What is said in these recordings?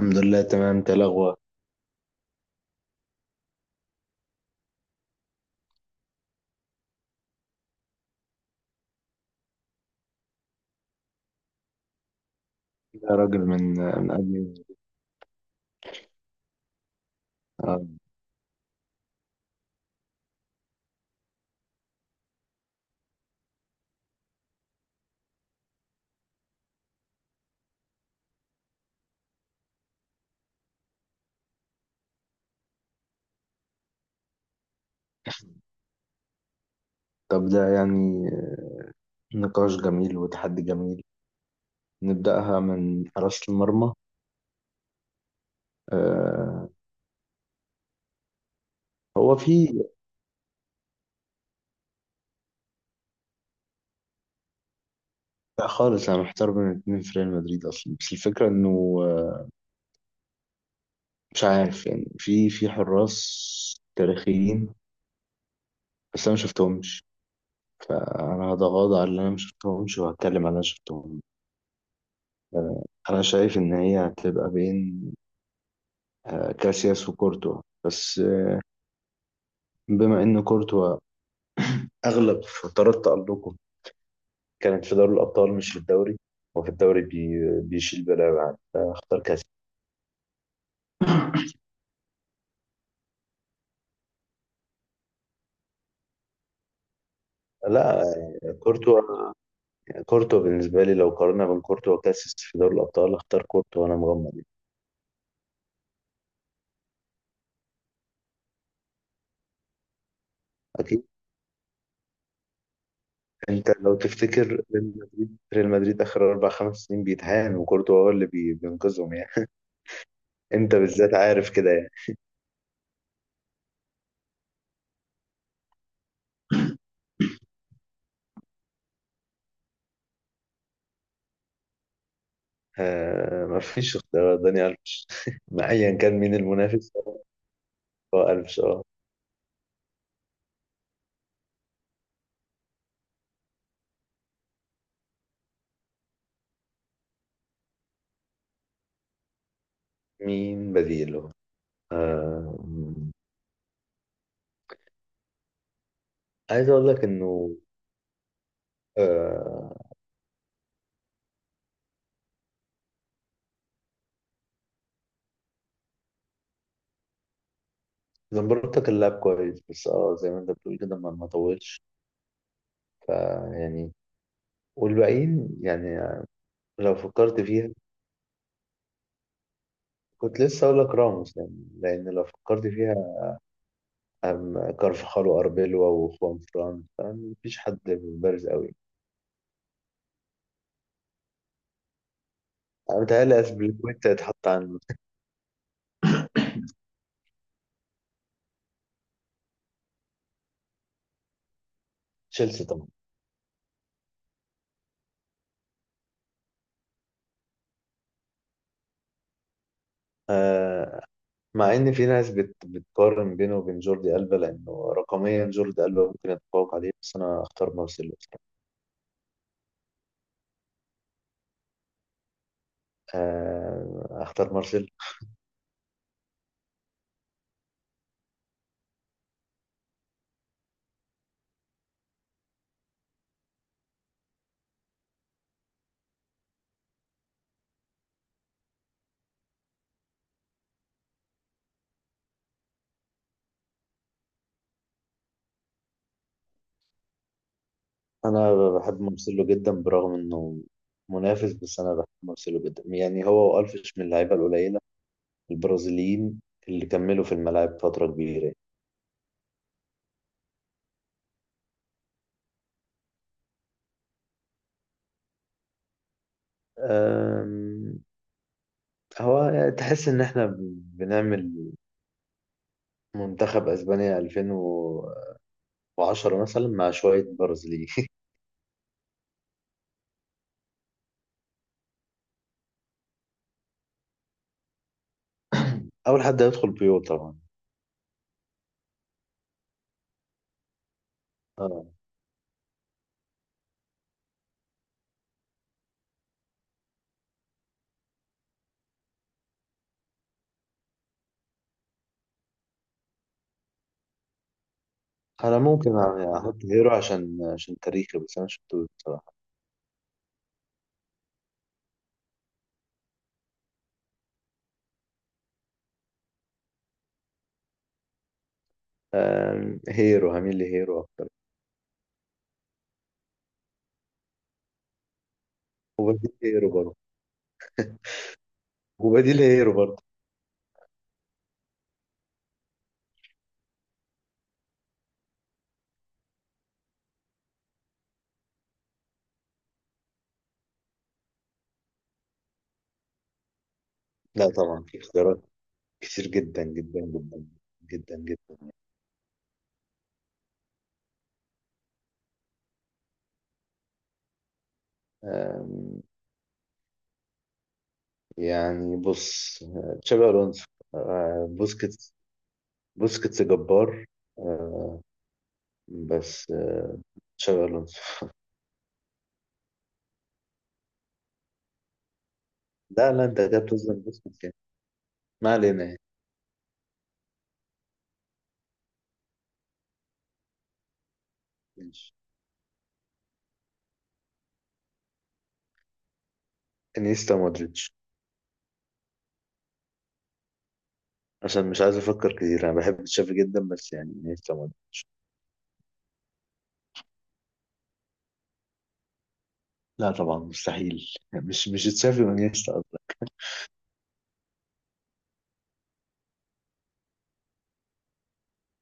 الحمد لله، تمام. انت إيه الاخبار؟ يا راجل، من قبل. آه. طب ده يعني نقاش جميل وتحدي جميل. نبدأها من حراسة المرمى. آه، هو في. لا خالص، انا محتار بين اتنين في ريال مدريد اصلا، بس الفكرة انه آه، مش عارف يعني في حراس تاريخيين، بس انا ما شفتهمش، فانا هتغاضى على اللي انا ما شفتهمش وهتكلم على اللي انا شفتهم. آه، انا شايف ان هي هتبقى بين كاسياس وكورتوا، بس بما ان كورتوا أغلب فترات تألقه كانت في دوري الأبطال مش في الدوري، وفي الدوري بيشيل بلاوي عادي، فاختار كاس. لا، كورتوا. كورتوا بالنسبة لي لو قارنا بين كورتوا وكاسيس في دوري الأبطال اختار كورتوا وأنا مغمض يعني. أكيد. أنت لو تفتكر ريال مدريد آخر أربع خمس سنين بيتهان، وكورتوا هو اللي بينقذهم يعني. أنت بالذات عارف كده يعني. آه، مفيش اختيار، داني ألفيش، ما أيا كان مين المنافس. هو ألفيش، أه. مين بديله؟ آه، عايز اقول لك انه آه زمبروتا كان لاعب كويس، بس زي ما انت بتقول كده ما طولش، فيعني، والباقيين يعني. لو فكرت فيها، كنت لسه اقول لك راموس يعني، لان لو فكرت فيها كارفخال واربيلو وخوان فران، مفيش حد بارز قوي. انا متهيألي اسبليكويتا يتحط عن تشيلسي طبعا. آه، مع ان في ناس بتقارن بينه وبين جوردي ألبا، لانه رقميا جوردي ألبا ممكن يتفوق عليه، بس انا اختار مارسيلو. آه، اختار مارسيلو. انا بحب مارسيلو جدا برغم انه منافس، بس انا بحب مارسيلو جدا. يعني هو والفيش من اللعيبه القليله البرازيليين اللي كملوا في الملاعب فتره كبيره. آم، هو يعني تحس ان احنا بنعمل منتخب اسبانيا 2010 مثلا مع شويه برازيليين. اول حد هيدخل بيو طبعا. آه. انا ممكن يعني احط هيرو عشان تاريخي، بس انا شفتوش بصراحه. هيرو، هميل لهيرو. وبديل هيرو برضه. وبديل هيرو برضه. لا طبعا في اختيارات كتير جدا جدا جدا جدا جدا. آم، يعني بص، تشابي الونسو، بوسكيتس. بوسكيتس جبار. آه، بس تشابي الونسو. لا لا، انت كده بتظلم بوسكيتس يعني. ما علينا يعني. ماشي، انيستا مودريتش. عشان مش عايز افكر كتير، انا بحب تشافي جدا بس يعني انيستا مودريتش. لا طبعا، مستحيل. مش تشافي وانيستا أصلاً.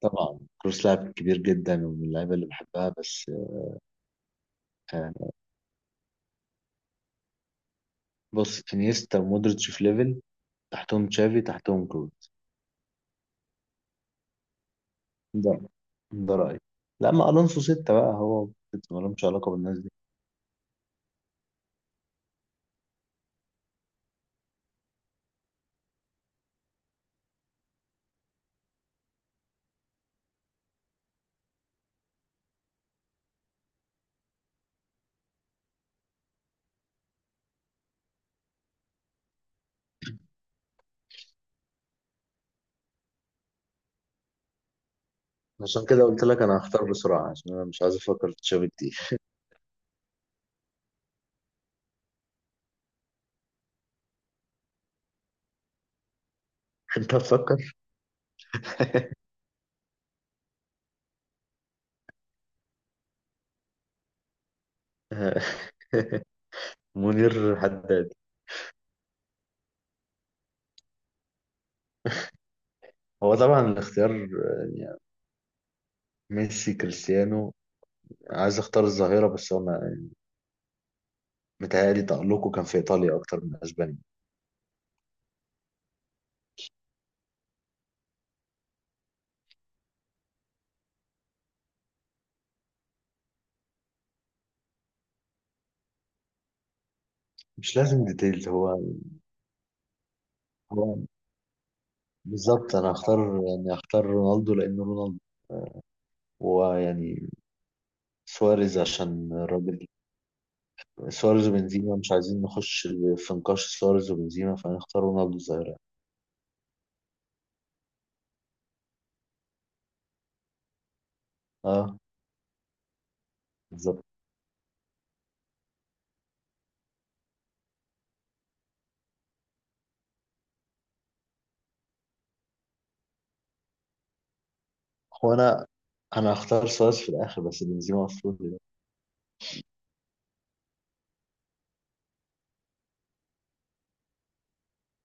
طبعا كروس لاعب كبير جدا ومن اللعيبه اللي بحبها، بس آه، بص، انيستا ومودريتش في ليفل، تحتهم تشافي، تحتهم كروس. ده ده رأيي. لا، ما الونسو ستة بقى هو، ستة مالهمش علاقة بالناس دي. عشان كده قلت لك انا هختار بسرعة، عشان انا مش عايز افكر في تشافي كتير. انت هتفكر. منير حداد. هو طبعا الاختيار، يعني ميسي كريستيانو. عايز اختار الظاهرة بس هو متهيألي تألقه كان في ايطاليا اكتر من اسبانيا. مش لازم ديتيلز هو. هو بالظبط، انا هختار، يعني هختار رونالدو لانه رونالدو، ويعني سواريز عشان الراجل. سواريز وبنزيما، مش عايزين نخش في نقاش سواريز وبنزيما، فهنختار رونالدو الظاهرة. اه، بالظبط. هو، انا هختار سواريز في الاخر، بس بنزيما مفروض يبقى.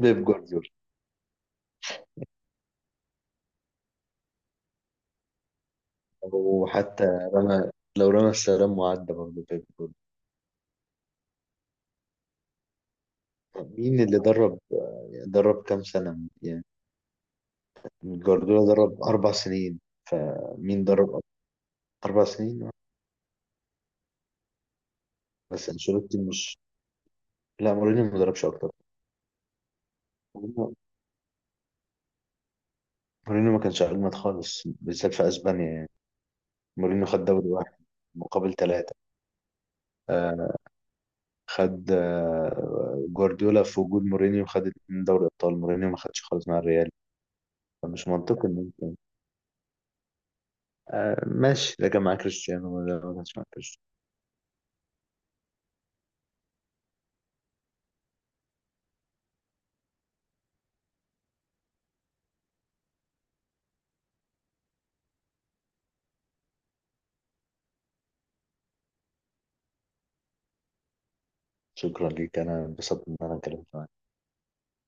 بيب جوارديولا. وحتى رمى لو رمى السلام وعدى برضه بيب جوارديولا. مين اللي درب، يعني درب كام سنة يعني؟ جوارديولا درب 4 سنين، فمين درب أكتر؟ 4 سنين. بس أنشيلوتي مش. لا مورينيو ما دربش أكتر. مورينيو ما كانش أجمد خالص بالذات في أسبانيا يعني. مورينيو خد دوري واحد مقابل 3. آه، خد جوارديولا في وجود مورينيو خد 2 دوري أبطال، مورينيو ما خدش خالص مع الريال، فمش منطقي إن أنت. آه ماشي، ده كان مع كريستيانو ولا ما كانش مع كريستيانو. شكرا ليك، أنا انبسطت إن أنا اتكلمت.